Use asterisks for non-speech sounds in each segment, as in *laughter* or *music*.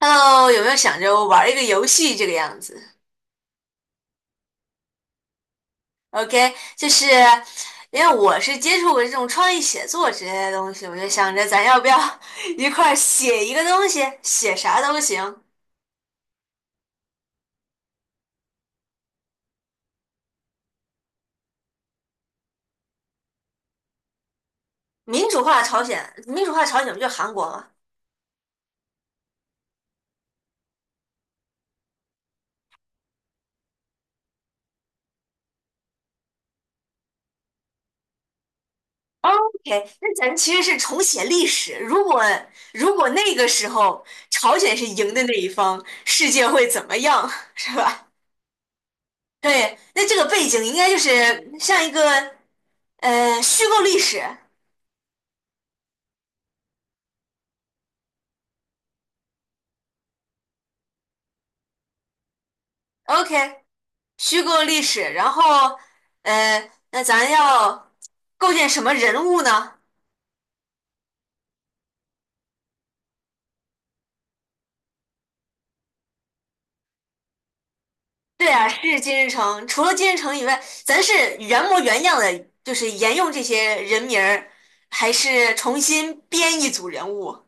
Hello，有没有想着玩一个游戏这个样子？OK，就是因为我是接触过这种创意写作之类的东西，我就想着咱要不要 *laughs* 一块儿写一个东西，写啥都行。民主化朝鲜，民主化朝鲜不就韩国吗？OK，那咱其实是重写历史。如果那个时候朝鲜是赢的那一方，世界会怎么样，*laughs* 是吧？对，那这个背景应该就是像一个虚构历史。OK，虚构历史，然后，那咱要构建什么人物呢？对啊，是金日成。除了金日成以外，咱是原模原样的，就是沿用这些人名儿，还是重新编一组人物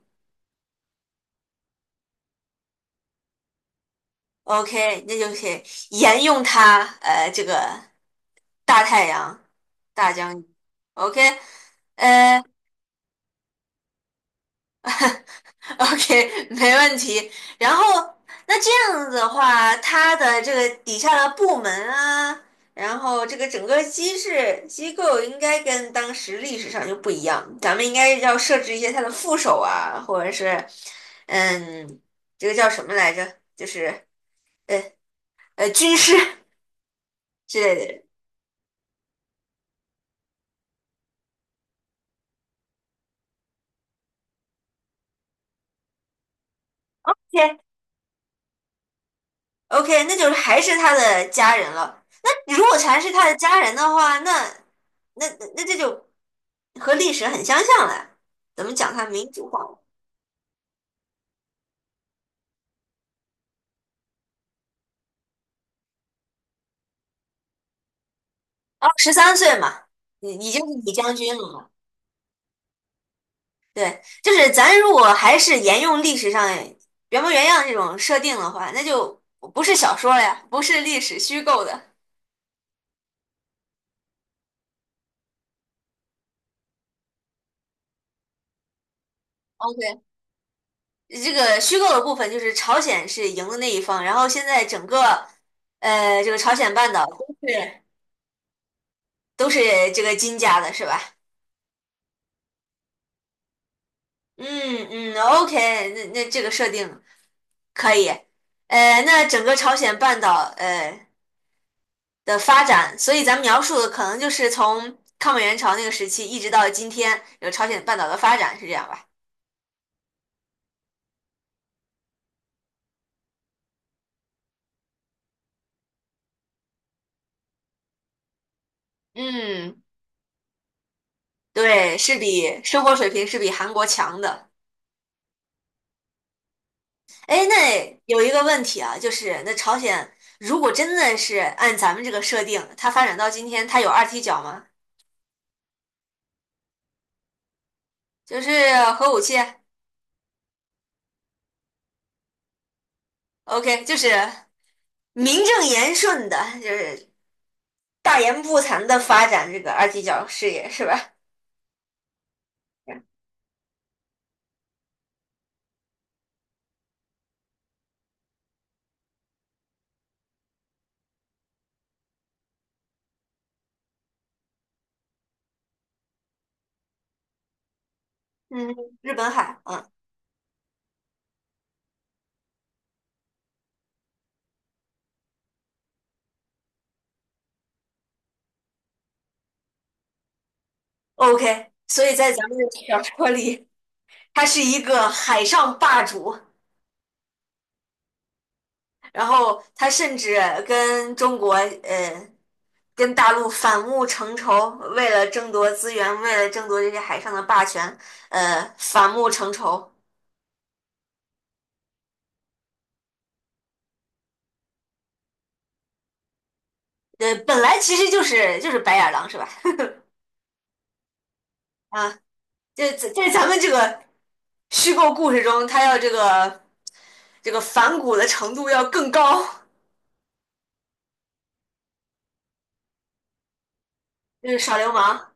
？OK,那就是沿用他，这个大太阳大将军。OK,呃。*laughs* OK,没问题。然后，那这样子的话，他的这个底下的部门啊，然后这个整个机制机构应该跟当时历史上就不一样，咱们应该要设置一些他的副手啊，或者是，嗯，这个叫什么来着？就是呃军师 *laughs* 之类的人。OK，OK，那就是还是他的家人了。那如果全是他的家人的话，那那这就和历史很相像了，怎么讲它民主化了？哦，13岁嘛，已经是李将军了嘛。对，就是咱如果还是沿用历史上原模原样这种设定的话，那就不是小说了呀，不是历史虚构的。OK,这个虚构的部分就是朝鲜是赢的那一方，然后现在整个这个朝鲜半岛是都是这个金家的，是吧？嗯嗯，OK,那这个设定。可以，那整个朝鲜半岛的发展，所以咱们描述的可能就是从抗美援朝那个时期一直到今天有朝鲜半岛的发展，是这样吧？嗯，对，是比生活水平是比韩国强的。哎，那有一个问题啊，就是那朝鲜如果真的是按咱们这个设定，它发展到今天，它有二踢脚吗？就是核武器，OK,就是名正言顺的，就是大言不惭的发展这个二踢脚事业是吧？嗯，日本海啊嗯，OK,所以在咱们的小说里，他是一个海上霸主，然后他甚至跟中国呃跟大陆反目成仇，为了争夺资源，为了争夺这些海上的霸权，反目成仇。本来其实就是白眼狼是吧？*laughs* 啊，这在咱们这个虚构故事中，他要这个反骨的程度要更高，就是耍流氓。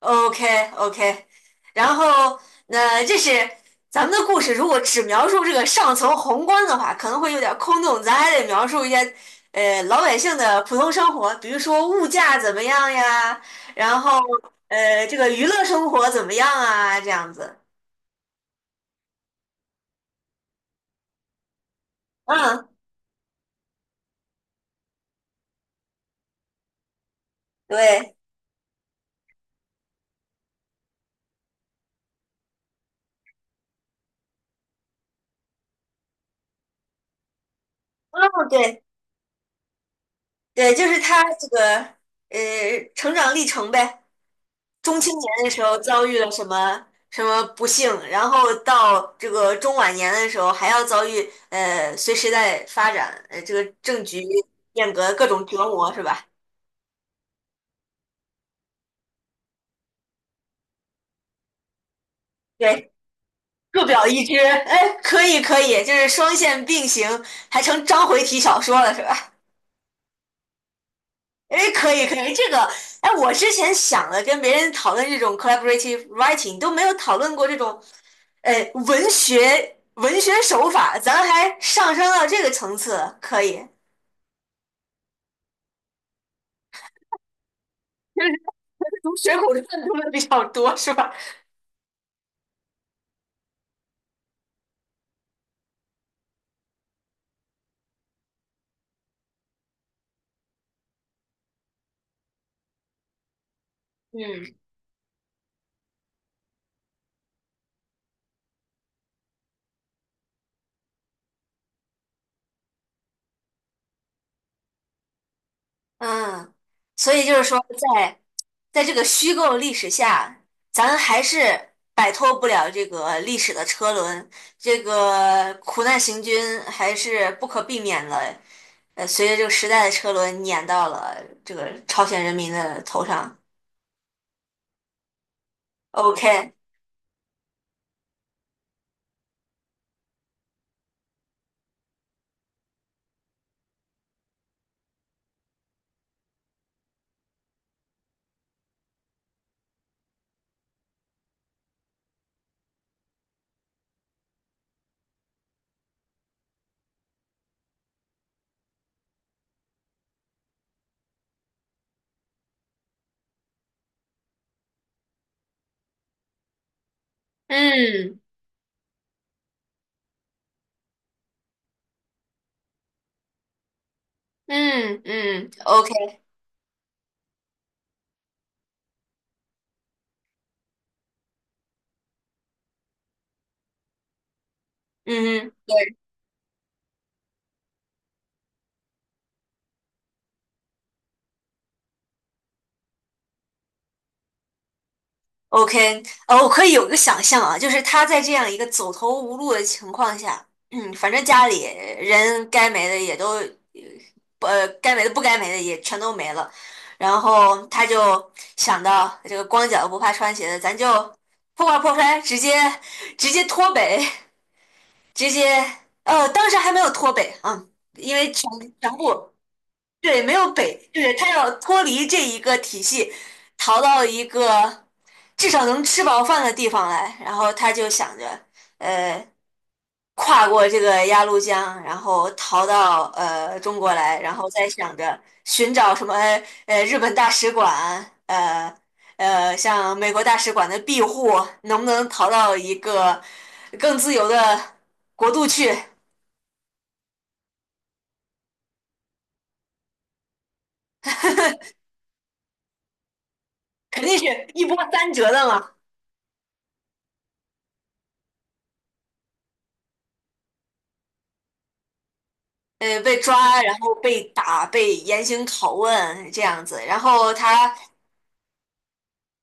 OK OK,然后那这是咱们的故事，如果只描述这个上层宏观的话，可能会有点空洞，咱还得描述一些老百姓的普通生活，比如说物价怎么样呀，然后这个娱乐生活怎么样啊，这样子。嗯，对，哦对对，就是他这个成长历程呗。中青年的时候遭遇了什么什么不幸，然后到这个中晚年的时候还要遭遇随时代发展，这个政局变革各种折磨是吧？对，各表一枝，哎，可以可以，就是双线并行，还成章回体小说了是吧？哎，可以可以，这个，哎，我之前想了跟别人讨论这种 collaborative writing,都没有讨论过这种，呃，文学手法，咱还上升到这个层次，可以。*laughs* 就是从《水浒传》读的比较多，是吧？嗯，嗯，所以就是说在，这个虚构历史下，咱还是摆脱不了这个历史的车轮，这个苦难行军还是不可避免的，随着这个时代的车轮碾到了这个朝鲜人民的头上。OK,嗯嗯嗯，OK,嗯嗯，对。OK,我可以有一个想象啊，就是他在这样一个走投无路的情况下，嗯，反正家里人该没的也都，该没的不该没的也全都没了，然后他就想到这个光脚不怕穿鞋的，咱就破罐破摔，直接脱北，直接，当时还没有脱北，嗯，因为全部。对，没有北，对，他要脱离这一个体系，逃到一个至少能吃饱饭的地方来，然后他就想着，呃，跨过这个鸭绿江，然后逃到中国来，然后再想着寻找什么日本大使馆，像美国大使馆的庇护，能不能逃到一个更自由的国度去？肯定是一波三折的嘛。被抓，然后被打，被严刑拷问这样子。然后他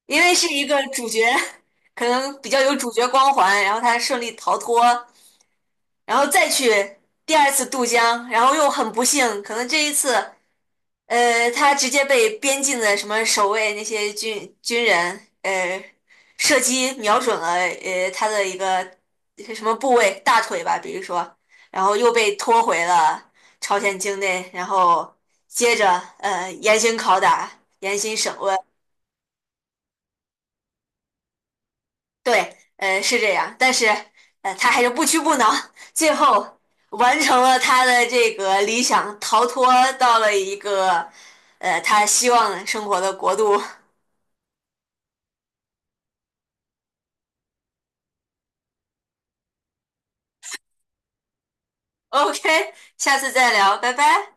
因为是一个主角，可能比较有主角光环，然后他顺利逃脱，然后再去第二次渡江，然后又很不幸，可能这一次。他直接被边境的什么守卫那些军人，射击瞄准了他的一个什么部位，大腿吧，比如说，然后又被拖回了朝鲜境内，然后接着严刑拷打、严刑审问，对，是这样，但是他还是不屈不挠，最后完成了他的这个理想，逃脱到了一个他希望生活的国度。OK,下次再聊，拜拜。